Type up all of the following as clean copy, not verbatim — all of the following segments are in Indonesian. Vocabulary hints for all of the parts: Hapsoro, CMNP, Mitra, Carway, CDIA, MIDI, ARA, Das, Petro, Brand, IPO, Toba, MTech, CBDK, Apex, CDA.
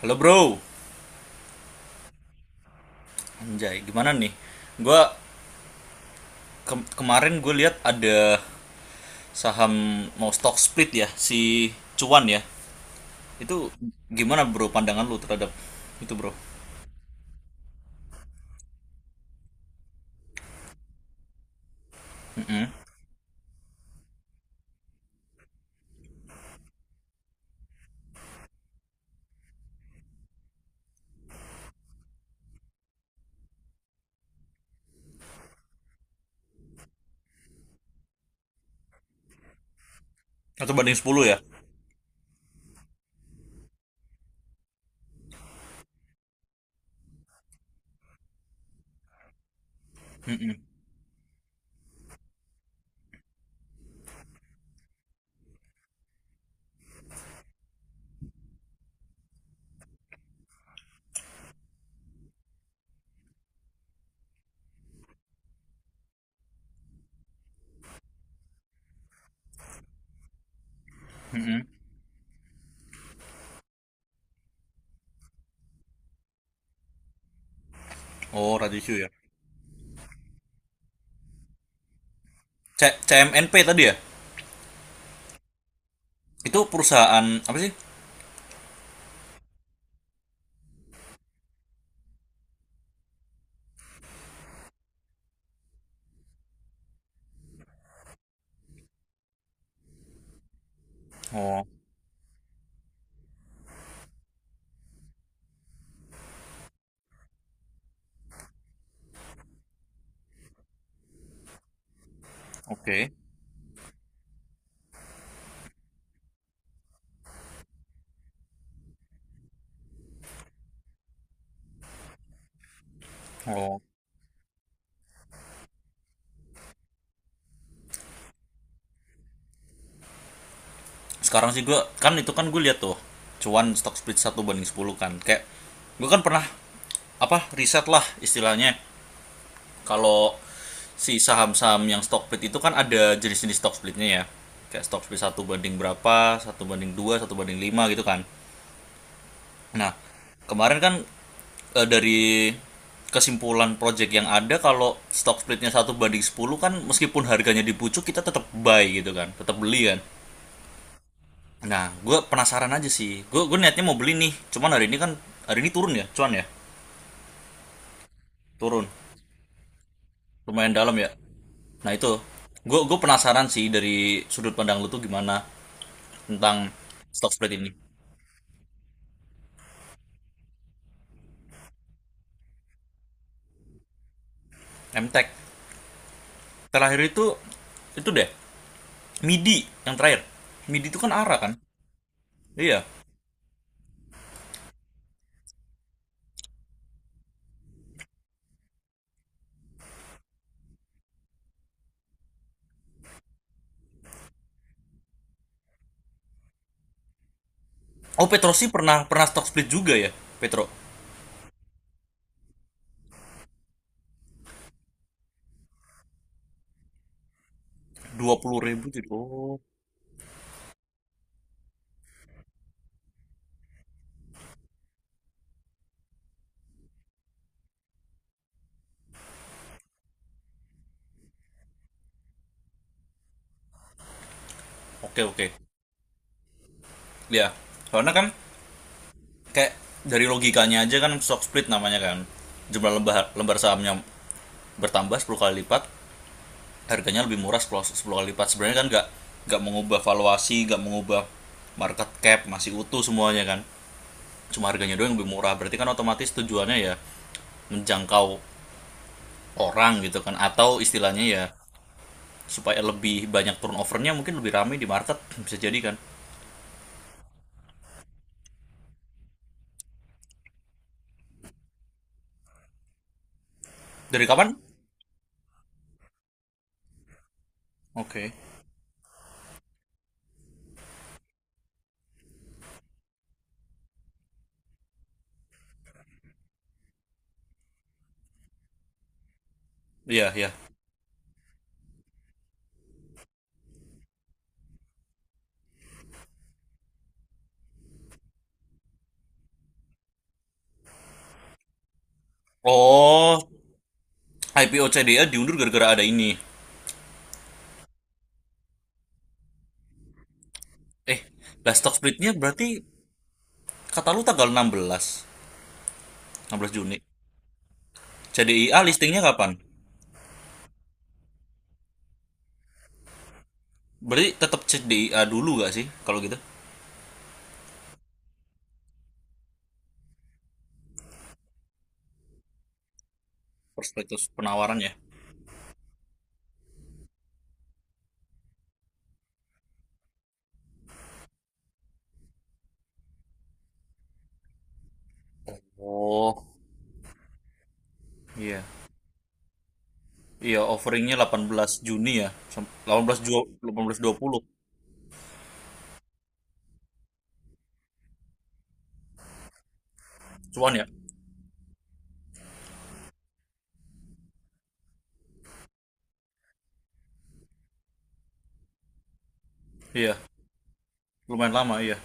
Halo bro, anjay gimana nih? Gua Kemarin gue lihat ada saham mau stock split ya, si Cuan ya. Itu gimana bro pandangan lu terhadap itu bro? Mm-mm. Atau banding sepuluh ya? Mm-mm. Oh, ratio ya. CMNP tadi ya? Itu perusahaan apa sih? Oh, oke. Oh, sekarang sih gue kan itu kan gue lihat tuh cuan stock split satu banding 10 kan, kayak gue kan pernah apa riset lah istilahnya. Kalau si saham-saham yang stock split itu kan ada jenis-jenis stock splitnya ya. Kayak stock split satu banding berapa, satu banding dua, satu banding lima gitu kan. Nah, kemarin kan dari kesimpulan project yang ada, kalau stock splitnya satu banding 10 kan meskipun harganya dipucuk kita tetap buy gitu kan, tetap beli kan, nah gue penasaran aja sih, gue niatnya mau beli nih, cuman hari ini kan hari ini turun ya cuan ya, turun lumayan dalam ya. Nah itu, gue penasaran sih dari sudut pandang lu tuh gimana tentang stock split ini. MTech terakhir itu deh, MIDI yang terakhir. MIDI itu kan ARA kan? Iya. Oh, petro sih pernah pernah stock split juga ya. Petro. Dua puluh ribu jadi. Oh. Oke, oke. Iya. Soalnya kan kayak dari logikanya aja kan stock split namanya kan. Jumlah lembar lembar sahamnya bertambah 10 kali lipat, harganya lebih murah 10, 10 kali lipat, sebenarnya kan nggak mengubah valuasi, nggak mengubah market cap, masih utuh semuanya kan, cuma harganya doang yang lebih murah, berarti kan otomatis tujuannya ya menjangkau orang gitu kan, atau istilahnya ya supaya lebih banyak turnovernya, mungkin lebih ramai di market, bisa jadi kan. Dari kapan? Oke. Iya, iya. Oh, IPO CDA diundur gara-gara ada ini, eh lah stock splitnya berarti kata lu tanggal 16, 16 Juni. CDIA listingnya kapan? Berarti tetap C D I A dulu gak sih kalau gitu? Prospektus penawaran ya? Oh. Iya. Iya, offeringnya 18 Juni ya. 18 delapan belas dua puluh. Cuan ya? Iya. Lumayan lama, iya.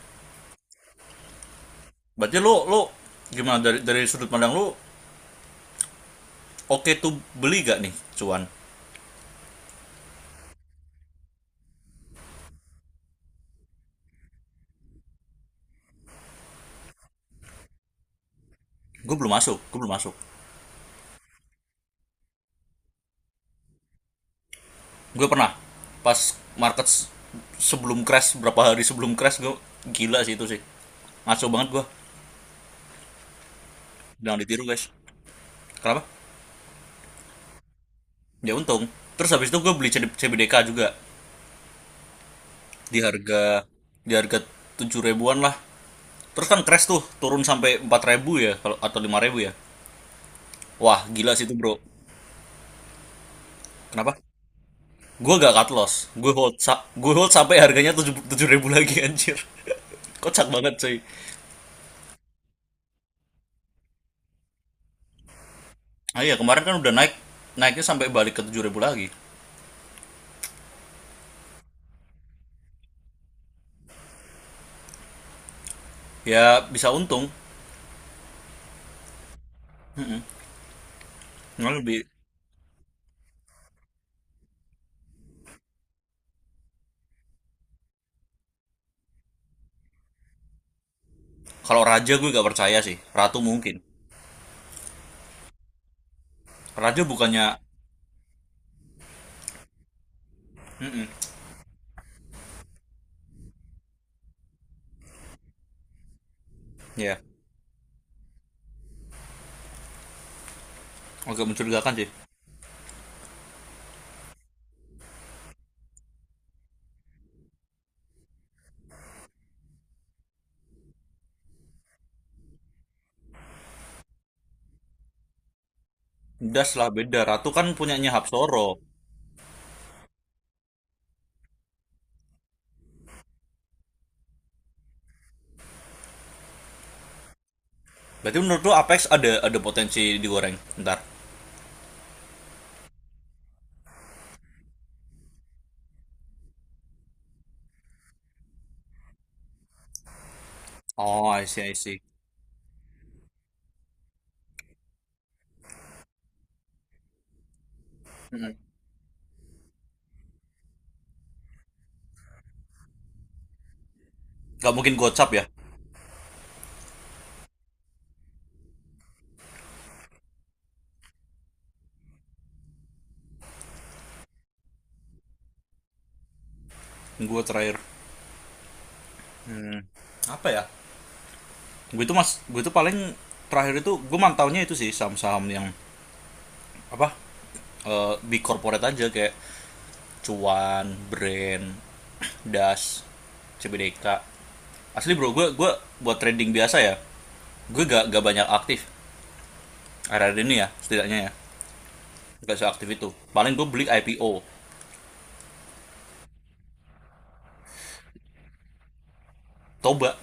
Berarti lo lo gimana dari sudut pandang lo, oke tuh, beli gak nih cuan? Gue belum masuk, gue belum masuk. Gue pernah pas market sebelum crash, berapa hari sebelum crash gue, gila sih itu sih. Ngaco banget gue. Jangan ditiru, guys. Kenapa? Ya, untung. Terus habis itu gue beli CBDK juga di harga di harga tujuh ribuan lah. Terus kan crash tuh turun sampai empat ribu ya, kalau atau lima ribu ya, wah gila sih itu bro. Kenapa gue gak cut loss, gue hold sampai harganya tujuh tujuh ribu lagi, anjir. Kocak banget cuy. Ah, iya, kemarin kan udah naik, naiknya sampai balik ke tujuh ribu lagi. Ya, bisa untung. Cuman lebih. Kalau raja gue gak percaya sih, ratu mungkin. Raja bukannya? Ya, agak mencurigakan sih. Das lah beda. Ratu kan punyanya Hapsoro. Berarti menurut lu Apex ada potensi digoreng. Ntar. Oh, I see, I see. Gak mungkin gocap ya. Gue terakhir. Apa ya? Gue itu, mas, gue itu paling terakhir itu gue mantaunya itu sih saham-saham yang apa? Di corporate aja, kayak Cuan, Brand, Das, CBDK. Asli bro, gue buat trading biasa ya. Gue gak banyak aktif. Akhir-akhir ini ya, setidaknya ya. Gak seaktif itu. Paling gue beli IPO. Toba.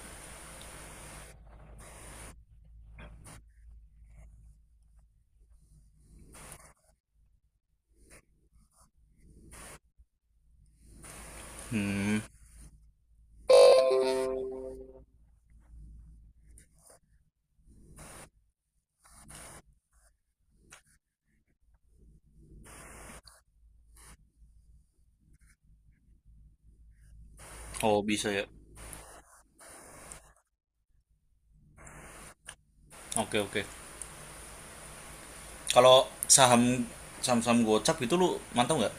Oh bisa ya. Oke, oke. Kalau saham-saham gocap itu lu mantap nggak?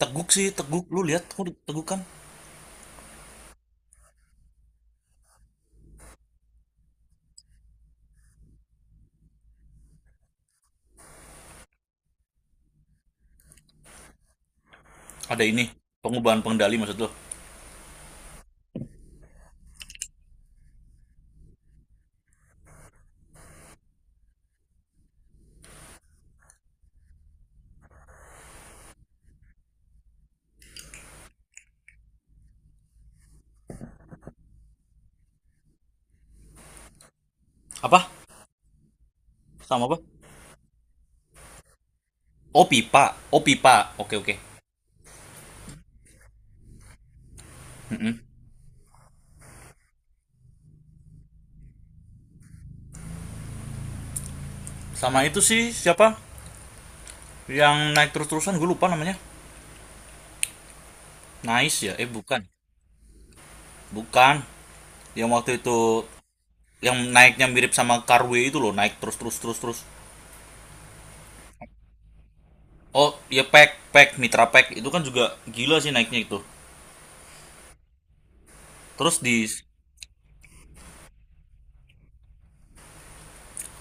Teguk sih teguk. Lu lihat kok, teguk kan? Ada ini, pengubahan pengendali maksud lu. Apa? Sama apa? Oh, pipa. Oh, pipa. Oke, oke. Sama itu sih siapa? Yang naik terus-terusan gue lupa namanya. Nice ya? Eh, bukan. Bukan. Yang waktu itu, yang naiknya mirip sama Carway itu loh, naik terus, terus, terus, terus. Oh ya, pack, pack Mitra, pack itu kan juga gila sih naiknya itu. Terus di,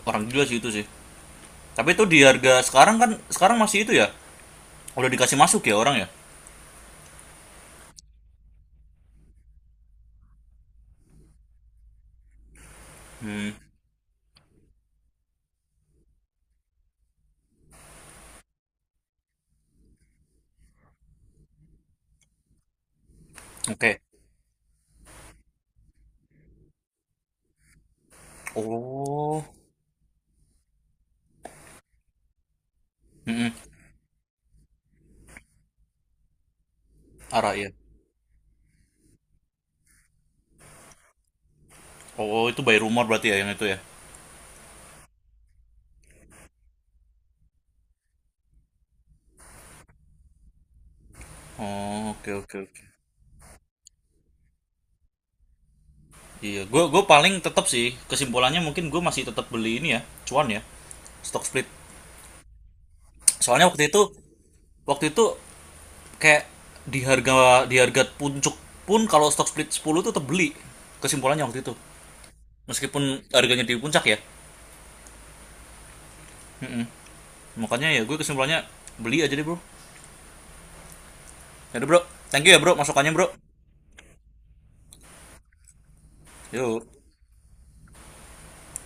orang gila sih itu sih. Tapi itu di harga sekarang kan, sekarang masih itu ya? Udah dikasih masuk ya orang ya? Hmm, oke. Oh. Mm-mm. Ya. Oh, oh, itu by rumor berarti ya yang itu ya. Oh, oke, oke, oke. Iya, gue paling tetap sih, kesimpulannya mungkin gue masih tetap beli ini ya, cuan ya, stock split. Soalnya waktu itu kayak di harga di harga puncak pun kalau stock split 10 tuh tetap beli, kesimpulannya waktu itu. Meskipun harganya di puncak ya. Makanya ya gue kesimpulannya beli aja deh, Bro. Yaudah bro, thank you ya bro, masukannya bro. Yuk.